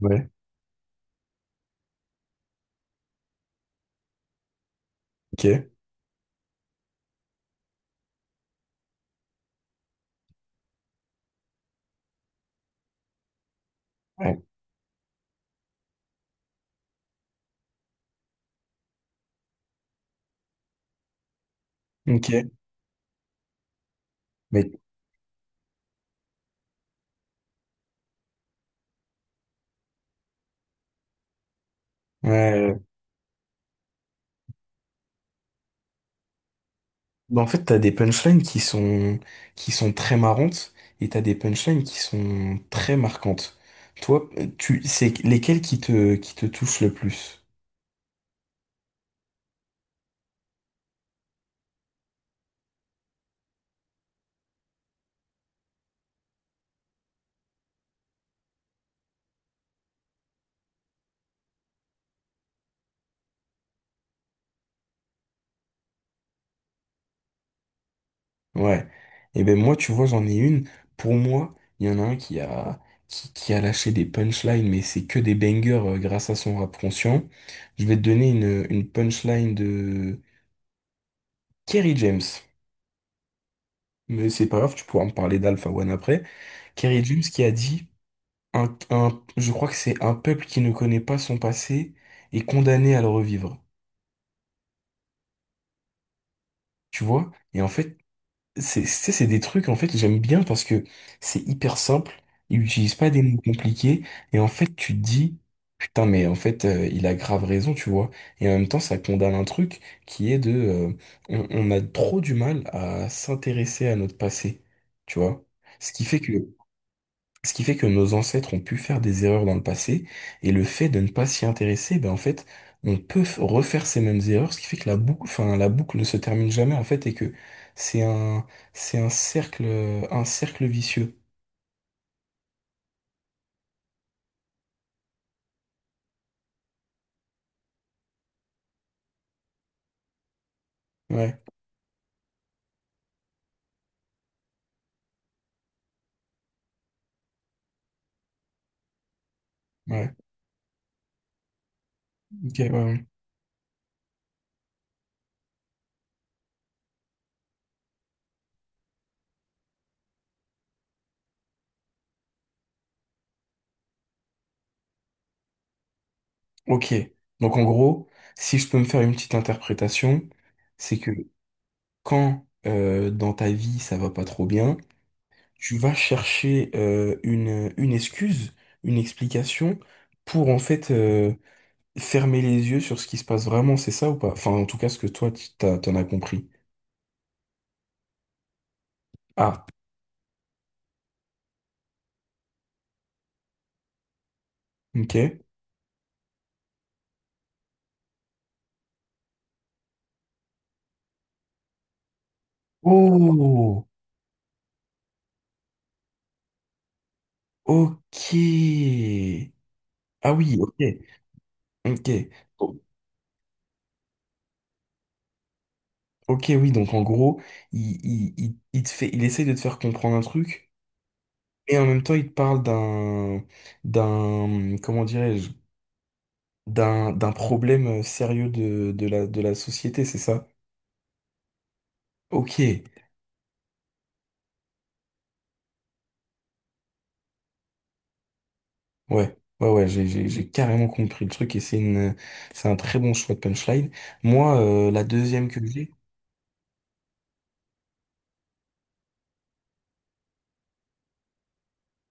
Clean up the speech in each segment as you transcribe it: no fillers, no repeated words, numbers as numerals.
Ouais, ok. Ouais, ok. Mais ouais, en fait, t'as des punchlines qui sont très marrantes et t'as des punchlines qui sont très marquantes. Toi, tu c'est lesquelles qui te touchent le plus? Ouais. Et ben moi, tu vois, j'en ai une. Pour moi, il y en a un qui a qui a lâché des punchlines, mais c'est que des bangers grâce à son rap conscient. Je vais te donner une punchline de Kerry James. Mais c'est pas grave, tu pourras me parler d'Alpha One après. Kerry James qui a dit je crois que c'est un peuple qui ne connaît pas son passé est condamné à le revivre. Tu vois? Et en fait, c'est c'est des trucs, en fait, que j'aime bien parce que c'est hyper simple. Il n'utilise pas des mots compliqués. Et en fait, tu te dis, putain, mais en fait, il a grave raison, tu vois? Et en même temps, ça condamne un truc qui est de, on a trop du mal à s'intéresser à notre passé. Tu vois? Ce qui fait que Ce qui fait que nos ancêtres ont pu faire des erreurs dans le passé, et le fait de ne pas s'y intéresser, ben en fait, on peut refaire ces mêmes erreurs, ce qui fait que la boucle, enfin, la boucle ne se termine jamais, en fait, et que c'est un, c'est un cercle vicieux. Ouais, ouais, ok, ouais, ouais. Ok. Donc en gros, si je peux me faire une petite interprétation, c'est que quand dans ta vie ça va pas trop bien, tu vas chercher une excuse, une explication pour en fait fermer les yeux sur ce qui se passe vraiment, c'est ça ou pas? Enfin, en tout cas, ce que toi, t'en as compris. Ah, ok. Oh, ok. Ah oui, ok, ok. O- Ok, oui, donc en gros, il te fait, il essaye de te faire comprendre un truc, et en même temps, il te parle d'un, d'un, comment dirais-je, d'un problème sérieux de la société, c'est ça? Ok. Ouais, ouais, ouais, j'ai carrément compris le truc et c'est un très bon choix de punchline. Moi, la deuxième que j'ai,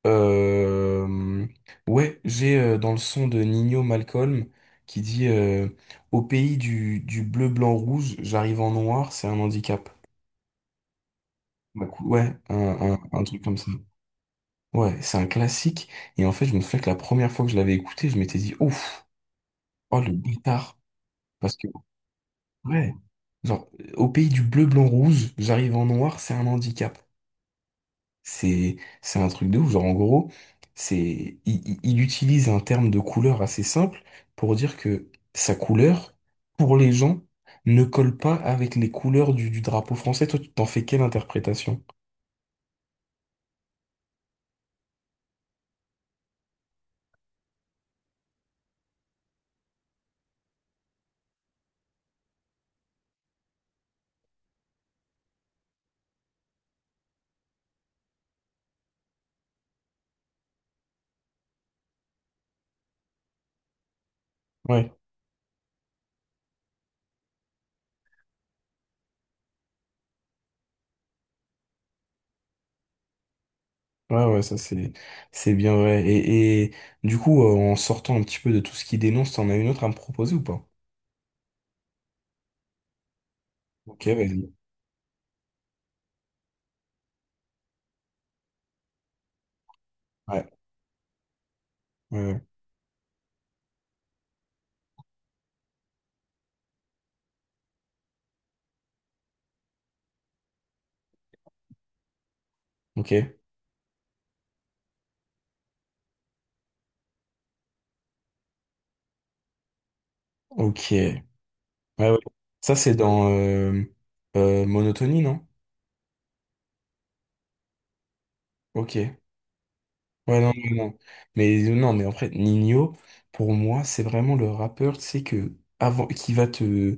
euh, ouais, j'ai dans le son de Nino Malcolm qui dit au pays du bleu, blanc, rouge, j'arrive en noir, c'est un handicap. Ouais, un truc comme ça. Ouais, c'est un classique. Et en fait, je me souviens que la première fois que je l'avais écouté, je m'étais dit, ouf, oh le bâtard. Parce que, ouais, genre, au pays du bleu, blanc, rouge, j'arrive en noir, c'est un handicap. C'est un truc de ouf. Genre, en gros, c'est, il utilise un terme de couleur assez simple pour dire que sa couleur, pour les gens, ne colle pas avec les couleurs du drapeau français. Toi, tu t'en fais quelle interprétation? Ouais, ouais, ouais, ça c'est bien vrai. Et du coup, en sortant un petit peu de tout ce qui dénonce, t'en as une autre à me proposer ou pas? Ok, vas-y. Ouais, ouais, ouais. Ok, ok. Ouais, ouais. Ça, c'est dans Monotonie, non? Ok. Ouais, non, non, non. Mais non, mais en fait, Nino, pour moi, c'est vraiment le rappeur, tu sais, que avant,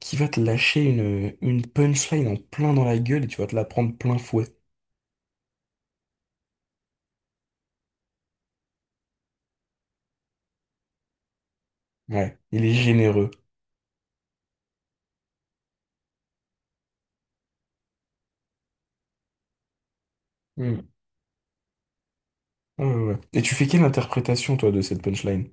qui va te lâcher une punchline en plein dans la gueule et tu vas te la prendre plein fouet. Ouais, il est généreux. Hmm. Ouais, ouais, ouais. Et tu fais quelle interprétation, toi, de cette punchline?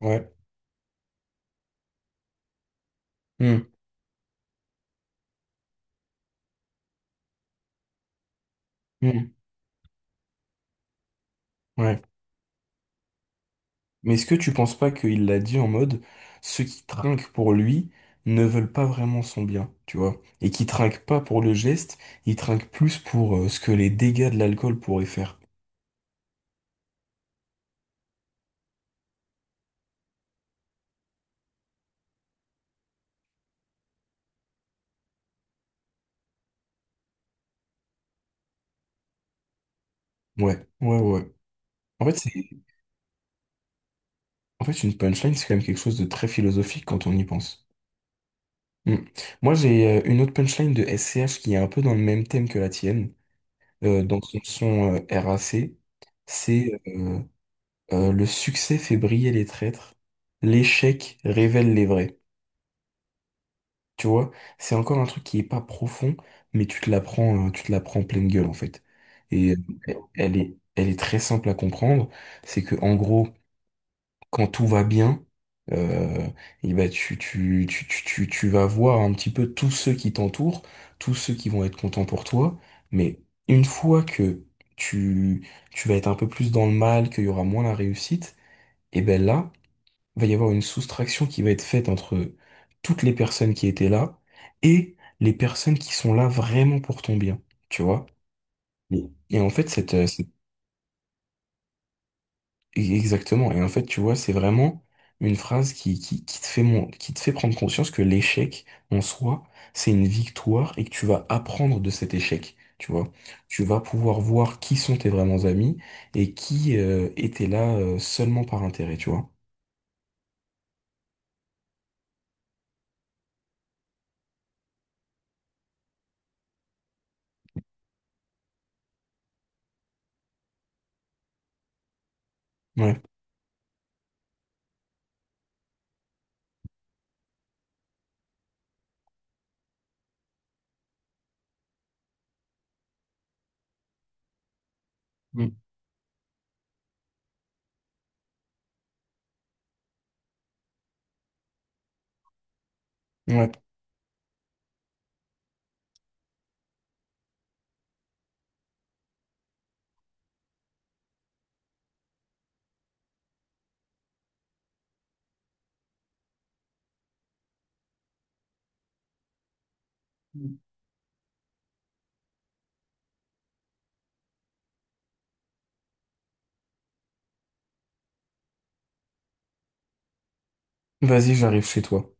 Ouais. Hmm. Hmm. Ouais. Mais est-ce que tu penses pas qu'il l'a dit en mode ceux qui trinquent pour lui ne veulent pas vraiment son bien, tu vois? Et qui trinquent pas pour le geste, ils trinquent plus pour ce que les dégâts de l'alcool pourraient faire. Ouais, ouais, ouais. En fait, en fait, une punchline, c'est quand même quelque chose de très philosophique quand on y pense. Mm. Moi, j'ai une autre punchline de SCH qui est un peu dans le même thème que la tienne, dans son RAC, c'est le succès fait briller les traîtres, l'échec révèle les vrais. Tu vois, c'est encore un truc qui est pas profond, mais tu te la prends, tu te la prends en pleine gueule en fait. Et elle elle est très simple à comprendre. C'est que en gros, quand tout va bien, euh, et ben tu vas voir un petit peu tous ceux qui t'entourent, tous ceux qui vont être contents pour toi. Mais une fois que tu vas être un peu plus dans le mal, qu'il y aura moins la réussite, et ben là va y avoir une soustraction qui va être faite entre toutes les personnes qui étaient là et les personnes qui sont là vraiment pour ton bien, tu vois? Et et en fait, exactement. Et en fait, tu vois, c'est vraiment une phrase qui te fait prendre conscience que l'échec en soi, c'est une victoire et que tu vas apprendre de cet échec. Tu vois, tu vas pouvoir voir qui sont tes vraiment amis et qui étaient là seulement par intérêt, tu vois. Ouais. Mm. Ouais. Vas-y, j'arrive chez toi.